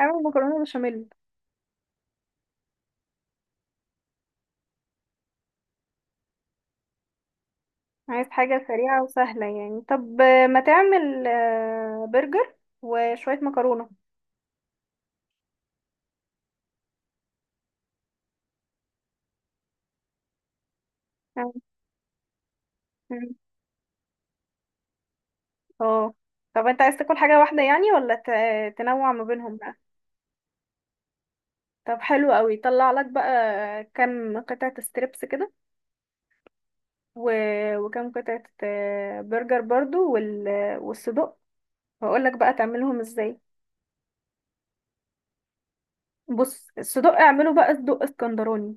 اعمل مكرونة بشاميل. عايز حاجة سريعة وسهلة يعني، طب ما تعمل برجر وشوية مكرونة. اه. مم. آه. طب انت عايز تاكل حاجة واحدة يعني ولا تنوع ما بينهم بقى؟ طب حلو قوي، طلع لك بقى كام قطعة ستريبس كده، و... وكام قطعة برجر برضو والصدق، واقول لك بقى تعملهم ازاي. بص، الصدق اعمله بقى صدق اسكندراني،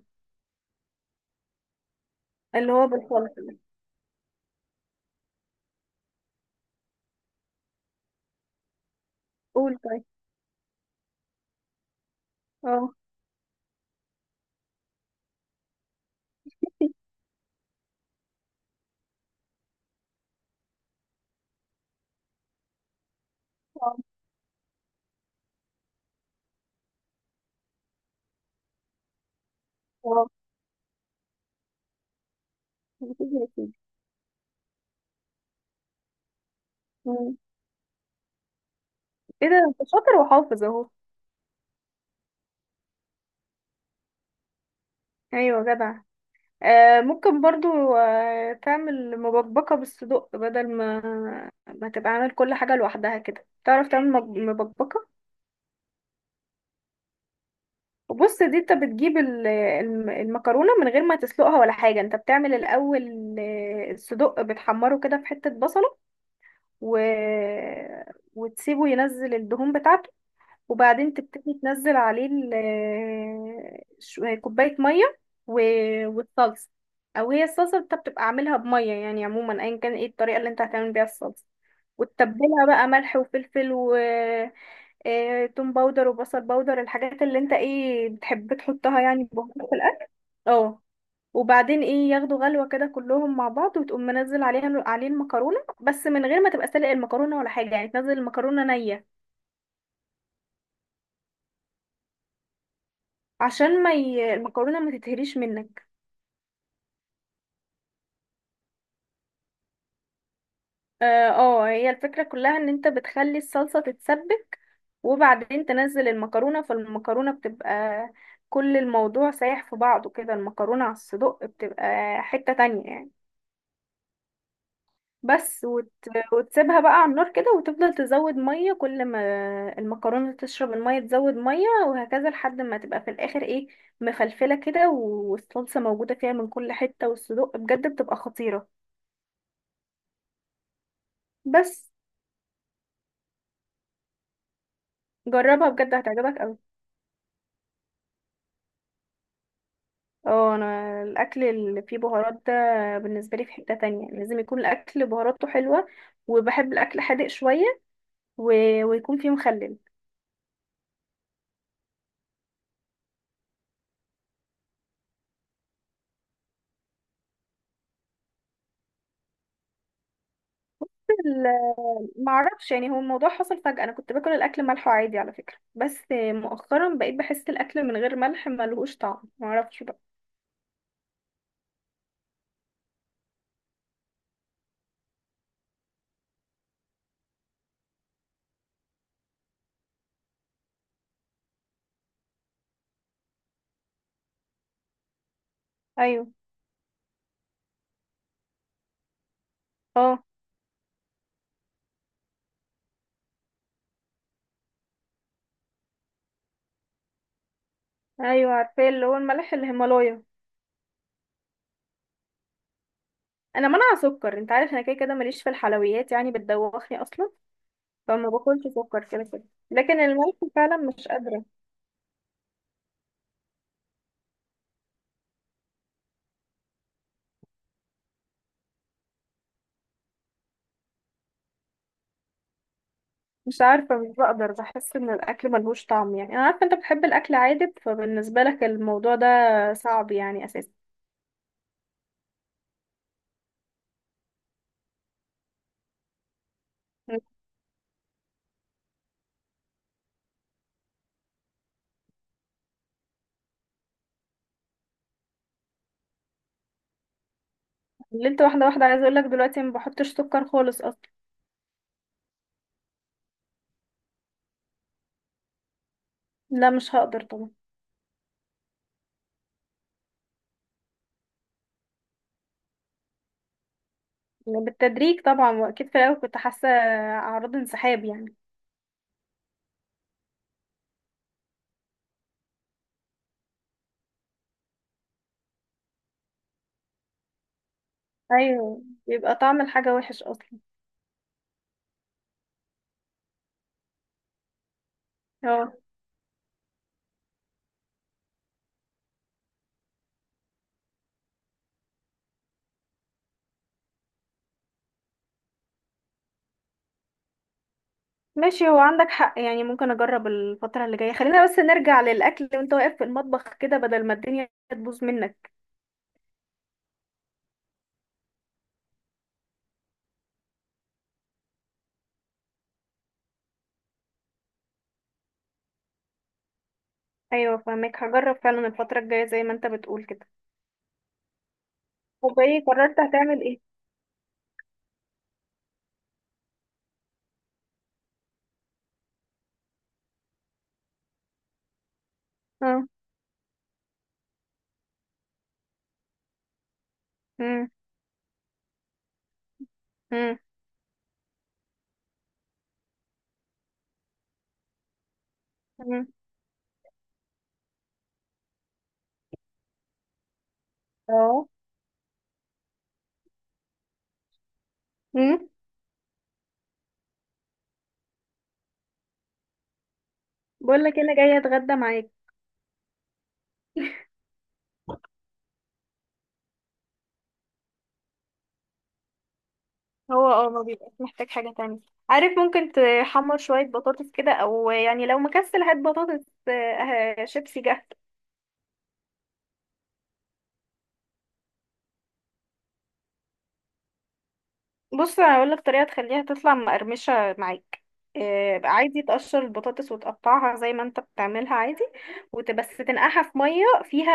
اللي هو بالخلطة. قول طيب. اه. اه. آه. مم. ايه ده، انت شاطر وحافظ اهو. ايوه جدع. آه، ممكن برضو تعمل مبكبكة بالصدق، بدل ما ما تبقى عامل كل حاجة لوحدها كده. تعرف تعمل مبكبكة؟ وبص، دي انت بتجيب المكرونة من غير ما تسلقها ولا حاجة. انت بتعمل الأول الصدق بتحمره كده في حتة بصلة، و... وتسيبه ينزل الدهون بتاعته، وبعدين تبتدي تنزل عليه كوباية مية والصلصة. أو هي الصلصة انت بتبقى عاملها بمية يعني، عموما أيا كان ايه الطريقة اللي انت هتعمل بيها الصلصة، وتتبلها بقى ملح وفلفل و توم باودر وبصل باودر، الحاجات اللي انت ايه بتحب تحطها يعني بهارات في الأكل. اه. وبعدين ايه، ياخدوا غلوة كده كلهم مع بعض، وتقوم منزل عليها عليه المكرونة، بس من غير ما تبقى سلق المكرونة ولا حاجة، يعني تنزل المكرونة نية. عشان ما ي... المكرونه ما تتهريش منك. اه، هي الفكرة كلها ان انت بتخلي الصلصة تتسبك، وبعدين تنزل المكرونة، فالمكرونة بتبقى، كل الموضوع سايح في بعضه كده، المكرونة على الصدق بتبقى حتة تانية يعني. بس وت... وتسيبها بقى على النار كده، وتفضل تزود مية كل ما المكرونة تشرب المية تزود مية، وهكذا لحد ما تبقى في الآخر ايه، مفلفلة كده والصلصة موجودة فيها من كل حتة، والصدق بجد بتبقى خطيرة. بس جربها بجد، هتعجبك. اه، انا الاكل اللي فيه بهارات ده بالنسبه لي في حته تانية. لازم يكون الاكل بهاراته حلوه، وبحب الاكل حادق شويه، و... ويكون فيه مخلل. ما اعرفش يعني، هو الموضوع حصل فجاه. انا كنت باكل الاكل ملح عادي على فكره، بس مؤخرا بقيت بحس الاكل من غير ملح ملهوش طعم، ما اعرفش بقى. ايوه. اه. ايوه عارفه، اللي هو الملح الهيمالايا. انا منع سكر انت عارف، انا كده كده ماليش في الحلويات يعني، بتدوخني اصلا، فما باكلش سكر كده كده. لكن الملح فعلا مش قادره. مش عارفة، مش بقدر، بحس ان الاكل ملهوش طعم يعني. انا عارفة انت بتحب الاكل عادب، فبالنسبة لك الموضوع ده صعب يعني اساسا. قللت واحدة واحدة، عايزة اقولك دلوقتي ما بحطش سكر خالص اصلا. لا مش هقدر طبعا. يعني بالتدريج طبعا، واكيد في الاول كنت حاسة اعراض انسحاب يعني. ايوه، بيبقى طعم الحاجة وحش اصلا. اه ماشي، هو عندك حق يعني، ممكن اجرب الفترة اللي جاية. خلينا بس نرجع للاكل وانت واقف في المطبخ كده، بدل ما الدنيا تبوظ منك. ايوه فاهمك، هجرب فعلا الفترة الجاية زي ما انت بتقول كده. طب ايه، قررت هتعمل ايه؟ اه. مم. مم. مم. اه. مم. بقول لك انا جايه اتغدى معاك. هو اه، ما بيبقاش محتاج حاجة تانية. عارف، ممكن تحمر شوية بطاطس كده، او يعني لو مكسل هات بطاطس شيبسي جاهز. بص هقول لك طريقة تخليها تطلع مقرمشة معاك. بقى عادي تقشر البطاطس وتقطعها زي ما انت بتعملها عادي، وبس تنقعها في مية فيها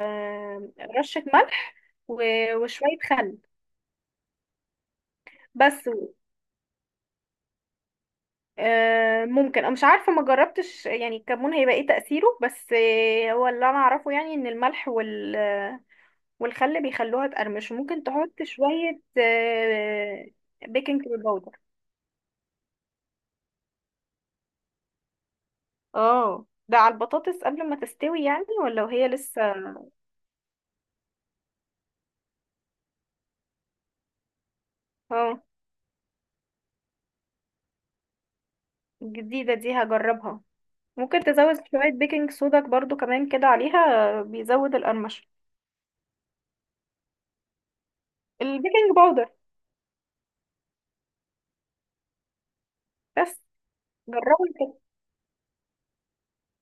آه، رشة ملح وشوية خل. بس ممكن، انا مش عارفه ما جربتش يعني الكمون هيبقى ايه تاثيره، بس هو اللي انا اعرفه يعني ان الملح وال، والخل بيخلوها تقرمش. ممكن تحط شويه بيكنج باودر. اه ده على البطاطس قبل ما تستوي يعني، ولا وهي لسه؟ اه. الجديده دي هجربها، ممكن تزود شويه بيكنج صودا برضو كمان كده عليها، بيزود القرمشه. البيكنج باودر. بس جربوا كده،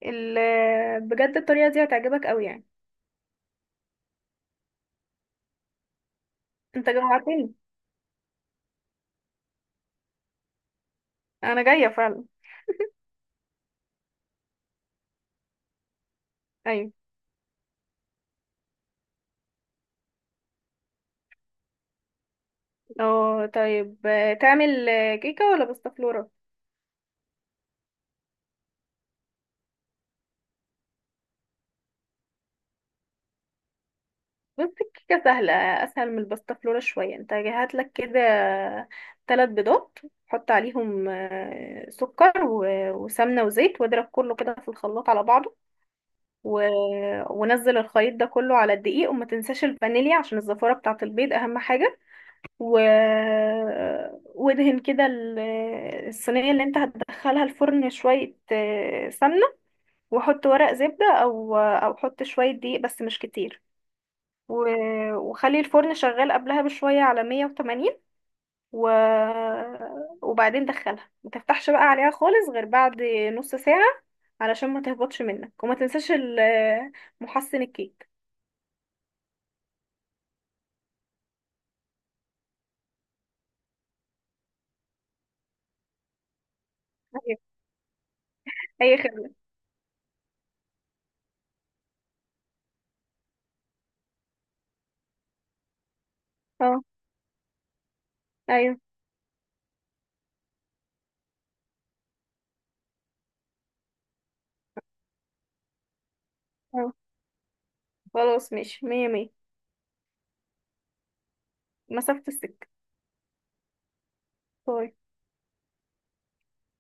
بجد الطريقه دي هتعجبك قوي يعني. انت جوعتني، انا جايه فعلا. ايوه. اه طيب، تعمل كيكه ولا باستا فلورا؟ بص الكيكه سهله، اسهل من الباستا فلورا شويه. انت هات لك كده ثلاث بيضات، حط عليهم سكر وسمنه وزيت، واضرب كله كده في الخلاط على بعضه. و... ونزل الخليط ده كله على الدقيق، وما تنساش الفانيليا عشان الزفاره بتاعه البيض، اهم حاجه. و... وادهن كده الصينيه اللي انت هتدخلها الفرن شويه سمنه، واحط ورق زبدة او او احط شوية دقيق بس مش كتير. و... وخلي الفرن شغال قبلها بشوية على 180، و... وبعدين دخلها، ما تفتحش بقى عليها خالص غير بعد نص ساعة، علشان ما تهبطش منك. وما تنساش محسن الكيك. أيوة. اي خدمة. اه. ايوه. اه. خلاص ماشي، مية مية. مسافة السكة. باي.